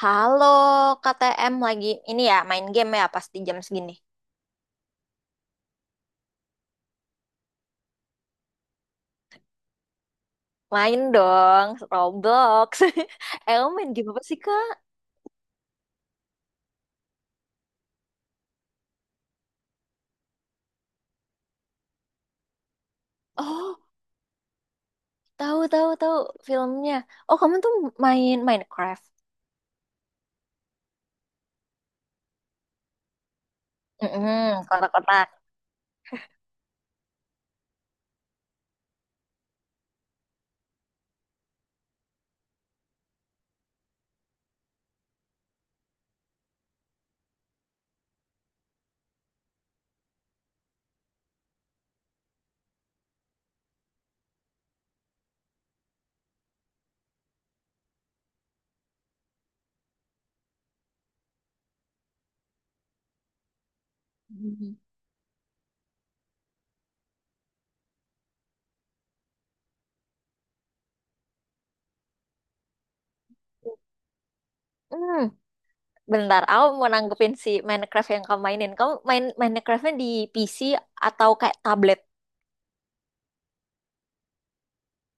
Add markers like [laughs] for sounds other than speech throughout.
Halo, KTM lagi ini ya main game ya pasti jam segini. Main dong, Roblox. [laughs] Eh, kamu main game apa sih, Kak? Oh, tahu tahu tahu filmnya. Oh, kamu tuh main Minecraft. Mm-mm, kotak-kotak. Mhm. Hmm, Bentar, aku mau nanggepin si Minecraft yang kamu mainin. Kamu main Minecraftnya di PC atau kayak tablet?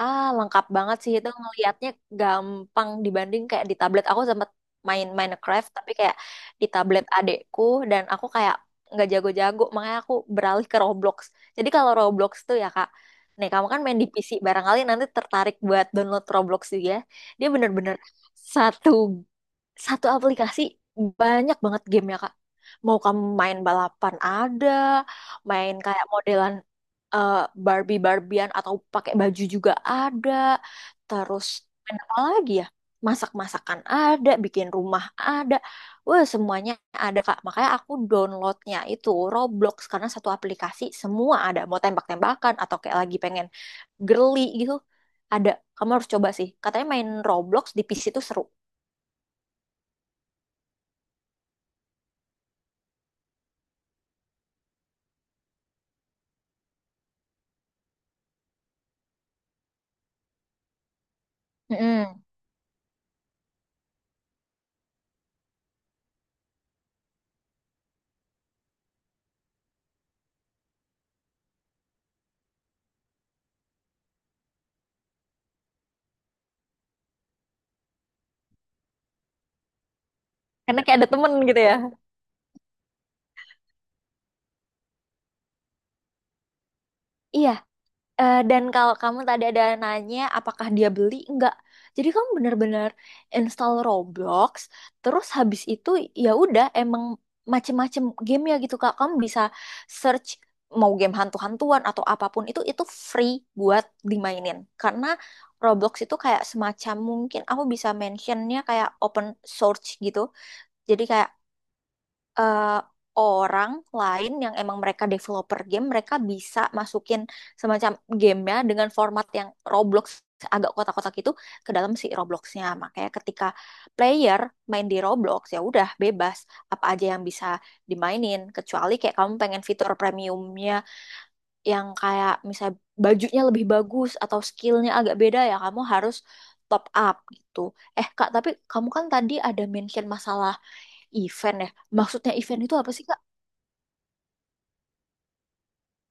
Ah, lengkap banget sih itu ngelihatnya gampang dibanding kayak di tablet. Aku sempat main Minecraft tapi kayak di tablet adekku dan aku kayak nggak jago-jago makanya aku beralih ke Roblox. Jadi kalau Roblox tuh ya Kak, nih kamu kan main di PC barangkali nanti tertarik buat download Roblox juga, ya. Dia bener-bener satu satu aplikasi banyak banget game ya Kak. Mau kamu main balapan ada, main kayak modelan eh, Barbie-Barbian atau pakai baju juga ada. Terus main apa lagi ya? Masak-masakan ada, bikin rumah ada. Wah, semuanya ada Kak. Makanya aku downloadnya itu Roblox karena satu aplikasi semua ada. Mau tembak-tembakan atau kayak lagi pengen girly gitu. Ada. Kamu harus coba sih. Katanya main Roblox di PC itu seru. Mm-mm. Karena kayak ada temen gitu ya. Iya, dan kalau kamu tadi ada nanya apakah dia beli, enggak. Jadi kamu benar-benar install Roblox, terus habis itu ya udah emang macem-macem game ya gitu Kak. Kamu bisa search mau game hantu-hantuan atau apapun itu free buat dimainin. Karena Roblox itu kayak semacam mungkin aku bisa mentionnya kayak open source gitu. Jadi kayak eh, orang lain yang emang mereka developer game, mereka bisa masukin semacam gamenya dengan format yang Roblox agak kotak-kotak itu ke dalam si Robloxnya. Makanya ketika player main di Roblox ya udah bebas apa aja yang bisa dimainin, kecuali kayak kamu pengen fitur premiumnya yang kayak misal bajunya lebih bagus atau skillnya agak beda, ya kamu harus top up gitu. Eh Kak, tapi kamu kan tadi ada mention masalah event ya. Maksudnya event itu apa sih Kak?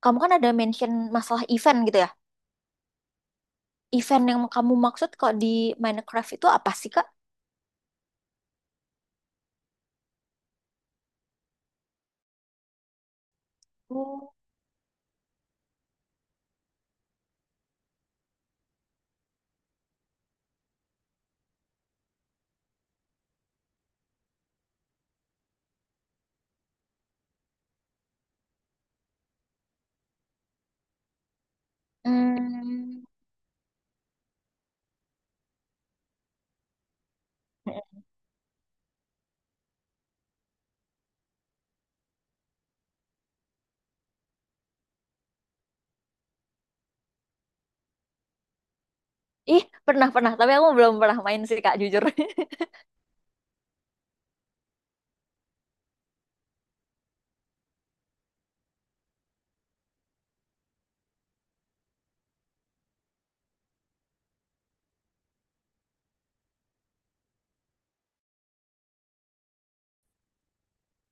Kamu kan ada mention masalah event gitu ya. Event yang kamu maksud kok di Minecraft itu apa sih Kak? Oh. Hmm. Ih, pernah pernah, tapi aku belum pernah main sih Kak, jujur. [laughs]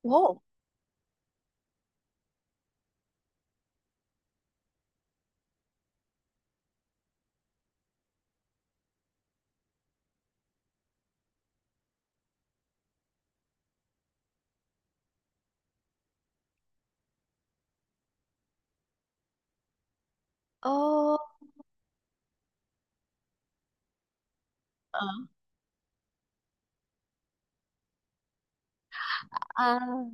Wow. Oh. Eh. Ah.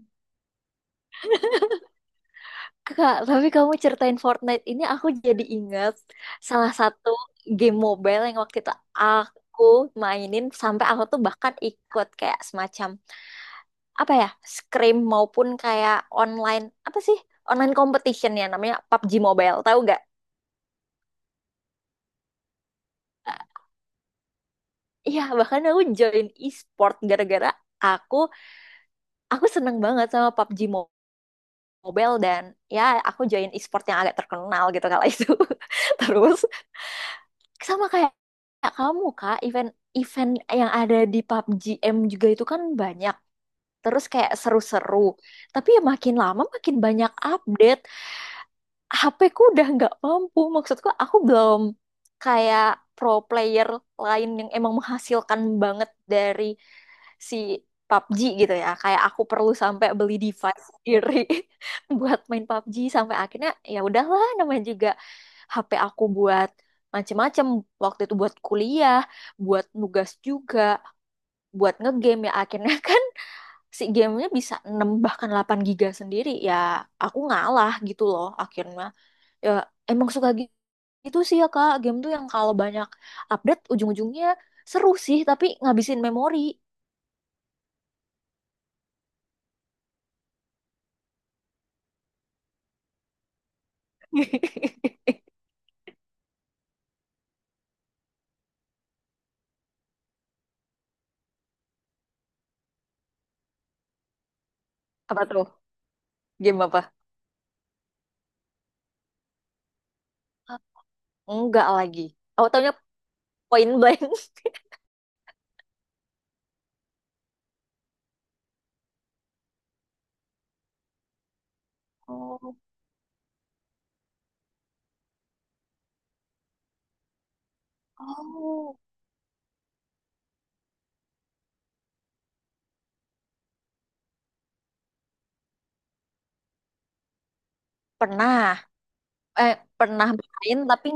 Kak, tapi kamu ceritain Fortnite ini aku jadi ingat salah satu game mobile yang waktu itu aku mainin sampai aku tuh bahkan ikut kayak semacam apa ya, scrim maupun kayak online apa sih? Online competition ya namanya PUBG Mobile, tahu gak? Eh, Iya, bahkan aku join e-sport gara-gara aku aku seneng banget sama PUBG Mobile dan ya aku join e-sport yang agak terkenal gitu kala itu. [laughs] Terus sama kayak kayak kamu Kak, event-event yang ada di PUBG M juga itu kan banyak. Terus kayak seru-seru. Tapi ya makin lama makin banyak update. HP ku udah nggak mampu. Maksudku aku belum kayak pro player lain yang emang menghasilkan banget dari si PUBG gitu ya. Kayak aku perlu sampai beli device sendiri [laughs] buat main PUBG sampai akhirnya ya udahlah, namanya juga HP aku buat macem-macem waktu itu, buat kuliah, buat nugas juga, buat ngegame ya akhirnya [laughs] kan si gamenya bisa 6 bahkan 8 giga sendiri, ya aku ngalah gitu loh akhirnya. Ya emang suka gitu sih ya kak, game tuh yang kalau banyak update ujung-ujungnya seru sih tapi ngabisin memori. [laughs] Apa tuh? Game apa? Enggak, lagi aku taunya point blank. [laughs] Oh, oh. Pernah. eh Pernah main tapi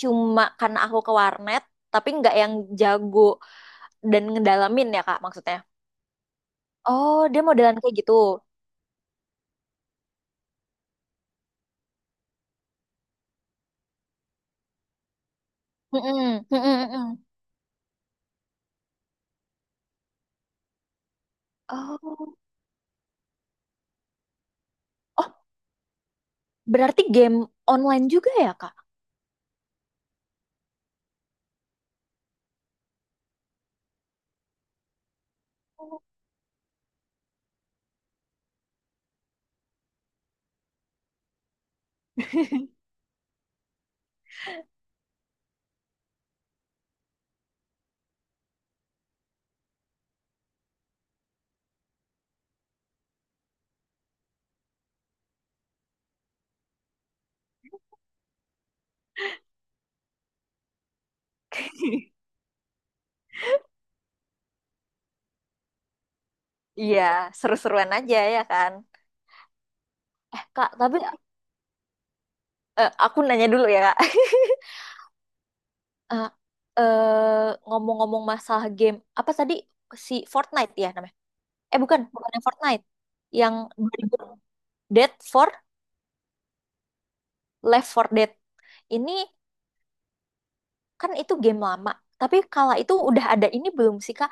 cuma karena aku ke warnet, tapi nggak yang jago dan ngedalamin ya kak, maksudnya oh dia modelan kayak gitu. Mm-mm, mm-mm, mm-mm. Oh. Oh, berarti game online juga ya, Kak? [laughs] Iya, seru-seruan aja ya kan. Eh, Kak, tapi aku nanya dulu ya, Kak. [laughs] eh, Ngomong-ngomong masalah game, apa tadi si Fortnite ya namanya? Eh bukan, bukan yang Fortnite. Yang 2000 Dead for Left for Dead. Ini kan itu game lama. Tapi kala itu udah ada ini belum sih, Kak?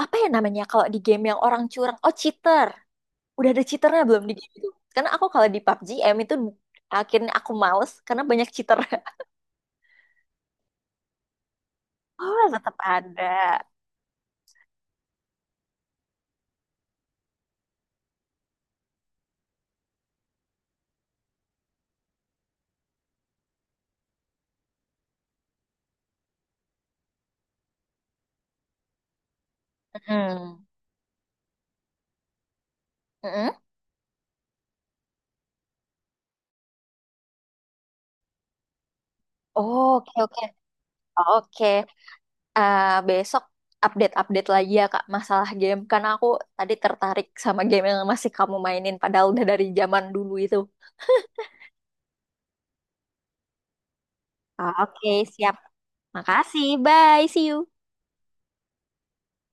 Apa ya namanya kalau di game yang orang curang? Oh, cheater. Udah ada cheaternya belum di game itu? Karena aku kalau di PUBG M itu akhirnya aku males karena banyak cheater. [laughs] Oh, tetap ada. Mm. Mm-mm. Oh, oke, oke. Oke. Eh, besok update-update lagi ya Kak masalah game karena aku tadi tertarik sama game yang masih kamu mainin padahal udah dari zaman dulu itu. Oke, siap. Makasih. Bye. See you.